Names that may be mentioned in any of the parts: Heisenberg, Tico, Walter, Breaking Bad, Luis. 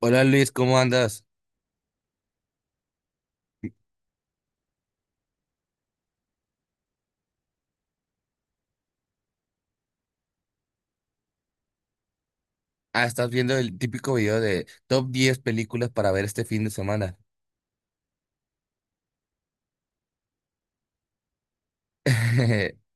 Hola Luis, ¿cómo andas? Ah, estás viendo el típico video de top 10 películas para ver este fin de semana.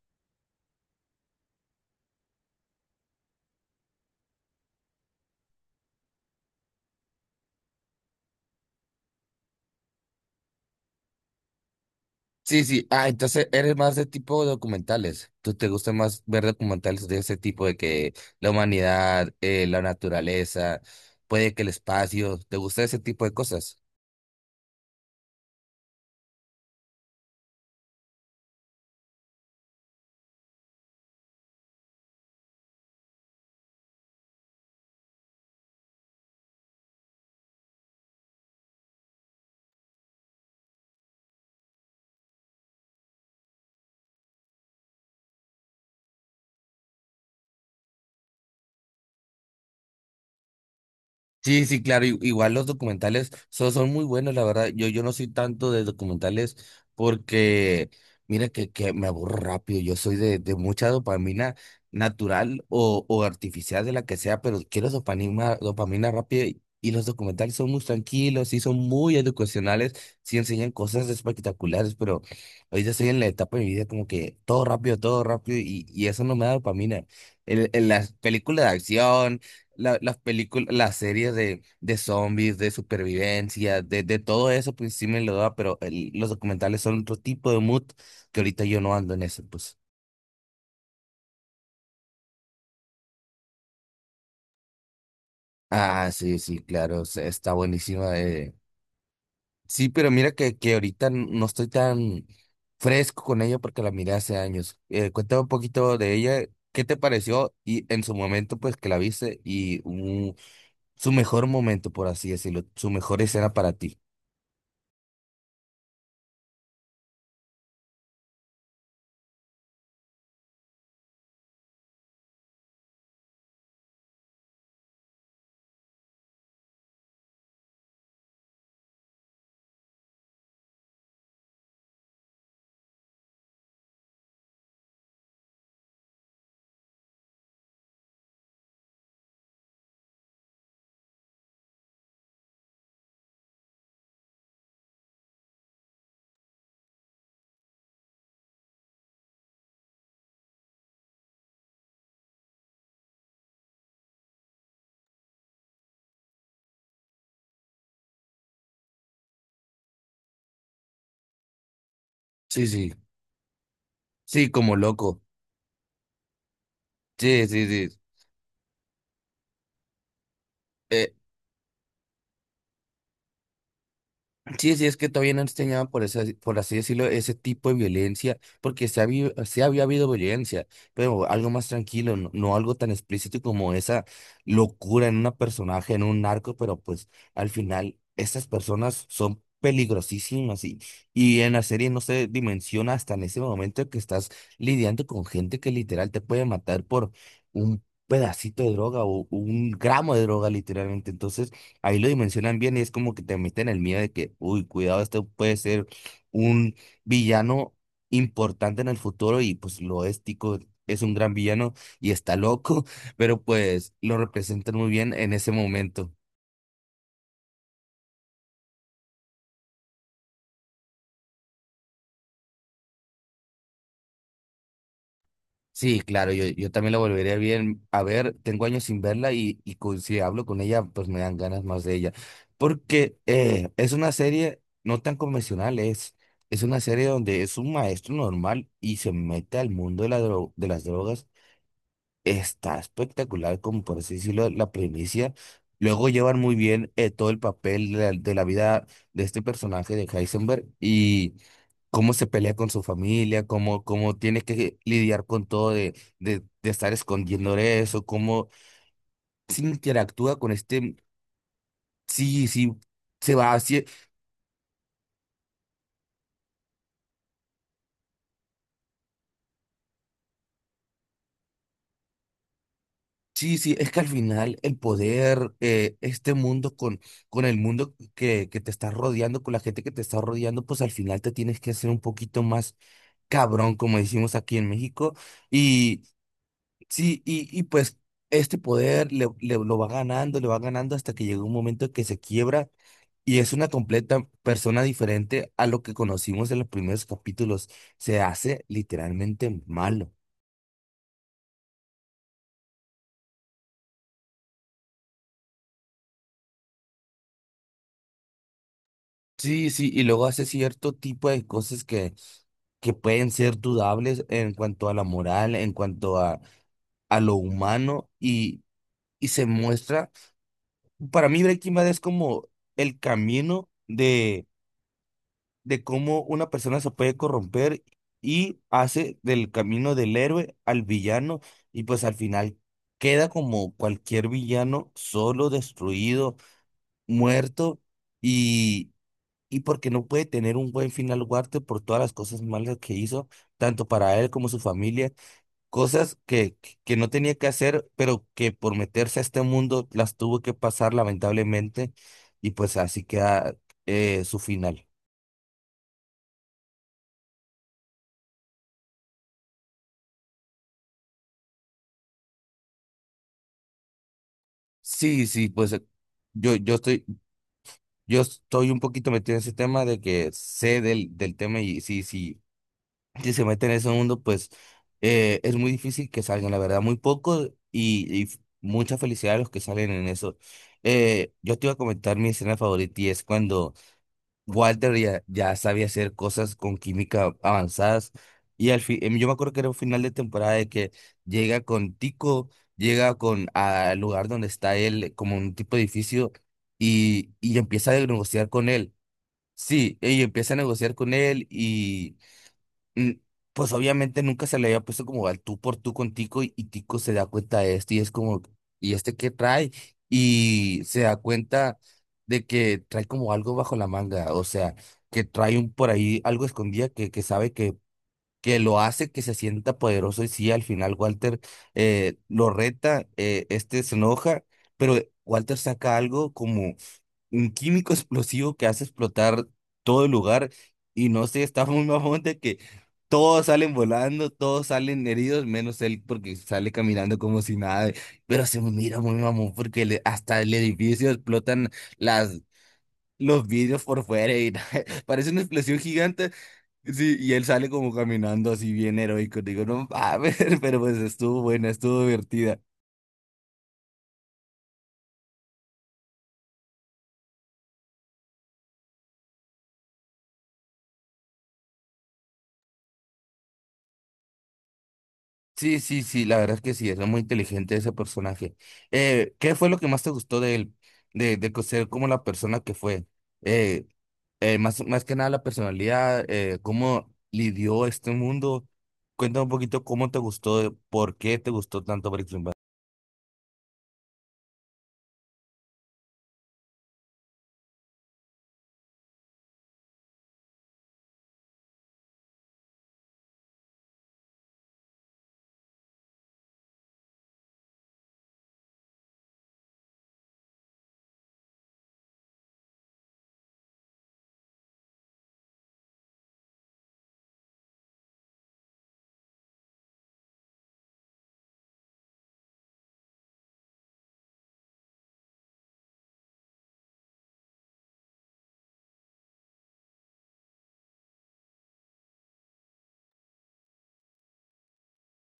Sí, sí. Ah, entonces eres más de tipo documentales. ¿Tú te gusta más ver documentales de ese tipo de que la humanidad, la naturaleza, puede que el espacio? ¿Te gusta ese tipo de cosas? Sí, sí, claro, igual los documentales son, son muy buenos, la verdad. Yo no soy tanto de documentales porque, mira, que me aburro rápido. Yo soy de mucha dopamina natural o artificial, de la que sea, pero quiero dopamina, dopamina rápida y los documentales son muy tranquilos y son muy educacionales, sí enseñan cosas espectaculares, pero ahorita estoy en la etapa de mi vida como que todo rápido y eso no me da dopamina. En las películas de acción las películas, las series de zombies, de supervivencia, de todo eso, pues sí me lo da, pero los documentales son otro tipo de mood que ahorita yo no ando en eso, pues. Ah, sí, sí, claro, está buenísima. Eh. Sí, pero mira que, que ahorita no estoy tan fresco con ella porque la miré hace años. Cuéntame un poquito de ella, ¿qué te pareció? Y en su momento, pues que la viste y su mejor momento, por así decirlo, su mejor escena para ti. Sí, sí, sí, como loco. Sí, sí, sí. Eh, sí, sí, es que todavía no enseñaban, por eso, por así decirlo, ese tipo de violencia, porque se había habido violencia, pero algo más tranquilo, no, no algo tan explícito como esa locura en una personaje, en un narco, pero pues al final esas personas son peligrosísimas y en la serie no se dimensiona hasta en ese momento que estás lidiando con gente que literal te puede matar por un pedacito de droga o un gramo de droga literalmente. Entonces ahí lo dimensionan bien y es como que te meten el miedo de que, uy, cuidado, este puede ser un villano importante en el futuro y pues lo es. Tico es un gran villano y está loco, pero pues lo representan muy bien en ese momento. Sí, claro, yo también la volveré a bien a ver. Tengo años sin verla y, si hablo con ella, pues me dan ganas más de ella. Porque es una serie no tan convencional, es una serie donde es un maestro normal y se mete al mundo de de las drogas. Está espectacular, como por así decirlo, la primicia. Luego llevan muy bien todo el papel de de la vida de este personaje de Heisenberg y cómo se pelea con su familia, cómo, cómo tiene que lidiar con todo de estar escondiendo eso, cómo se interactúa con este, sí, sí, se va. Sí, sí, es que al final el poder, este mundo con el mundo que te está rodeando, con la gente que te está rodeando, pues al final te tienes que hacer un poquito más cabrón, como decimos aquí en México. Y sí, y pues este poder lo va ganando, le va ganando hasta que llega un momento que se quiebra y es una completa persona diferente a lo que conocimos en los primeros capítulos. Se hace literalmente malo. Sí, sí, y luego hace cierto tipo de cosas que pueden ser dudables en cuanto a la moral, en cuanto a lo humano, y se muestra, para mí Breaking Bad es como el camino de cómo una persona se puede corromper y hace del camino del héroe al villano, y pues al final queda como cualquier villano, solo, destruido, muerto, y porque no puede tener un buen final Duarte por todas las cosas malas que hizo, tanto para él como su familia, cosas que, que no tenía que hacer, pero que por meterse a este mundo las tuvo que pasar lamentablemente, y pues así queda su final. Sí, sí, pues yo, yo estoy un poquito metido en ese tema de que sé del, del tema y sí, sí, si se meten en ese mundo, pues es muy difícil que salgan, la verdad, muy poco y, mucha felicidad a los que salen en eso. Yo te iba a comentar mi escena favorita y es cuando Walter ya, ya sabía hacer cosas con química avanzadas y al fin, yo me acuerdo que era un final de temporada de que llega con Tico, llega con al lugar donde está él, como un tipo de edificio, y empieza a negociar con él. Sí, y empieza a negociar con él y mm, pues obviamente nunca se le había puesto como al tú por tú con Tico y Tico se da cuenta de esto y es como, ¿y este qué trae? Y se da cuenta de que trae como algo bajo la manga, o sea, que trae un por ahí algo escondida que sabe que lo hace que se sienta poderoso y sí, al final Walter lo reta, este se enoja, pero Walter saca algo como un químico explosivo que hace explotar todo el lugar y no sé, está muy mamón de que todos salen volando, todos salen heridos, menos él porque sale caminando como si nada, pero se mira muy mamón porque hasta el edificio explotan las... Los vidrios por fuera y parece una explosión gigante. Sí, y él sale como caminando así bien heroico. Digo, no mames, pero pues estuvo buena, estuvo divertida. Sí, sí, sí, la verdad es que sí, es muy inteligente ese personaje. ¿Qué fue lo que más te gustó de él? De, ser como la persona que fue. Eh, más, más que nada la personalidad, cómo lidió este mundo. Cuéntame un poquito cómo te gustó, por qué te gustó tanto Breaking Bad.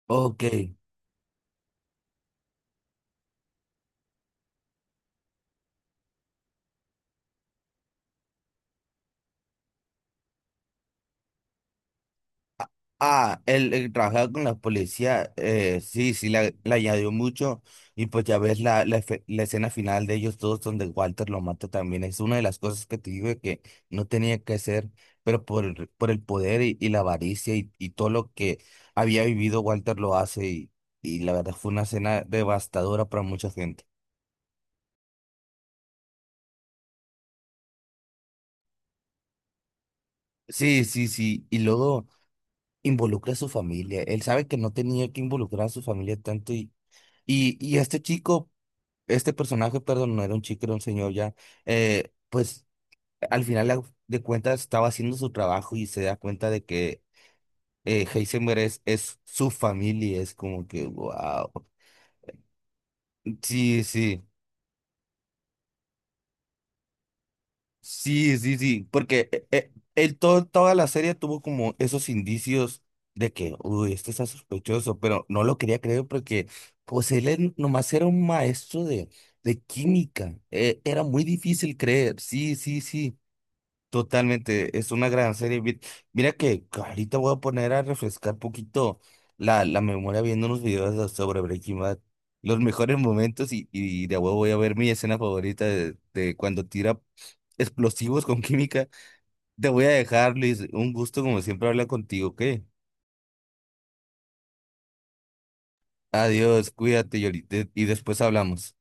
Ok. Ah, el trabajar con la policía, sí, sí, la añadió mucho. Y pues ya ves la escena final de ellos todos donde Walter lo mata también. Es una de las cosas que te digo de que no tenía que hacer, pero por el poder y la avaricia y todo lo que había vivido, Walter lo hace. Y la verdad fue una escena devastadora para mucha gente. Sí, sí, sí. Y luego involucra a su familia. Él sabe que no tenía que involucrar a su familia tanto y... Y, y este chico este personaje, perdón, no era un chico, era un señor ya, pues al final de cuentas estaba haciendo su trabajo y se da cuenta de que Heisenberg es su familia, es como que, wow, sí, sí, sí, sí, sí, porque él todo, toda la serie tuvo como esos indicios de que, uy, este está sospechoso, pero no lo quería creer porque, pues nomás era un maestro de química, era muy difícil creer, sí, sí, sí. Totalmente, es una gran serie. Vi- Mira que ahorita voy a poner a refrescar poquito la, la memoria viendo unos videos de- sobre Breaking Bad, los mejores momentos y de huevo voy a ver mi escena favorita de cuando tira explosivos con química. Te voy a dejar, Luis, un gusto como siempre hablar contigo, ¿qué? Adiós, cuídate y y después hablamos.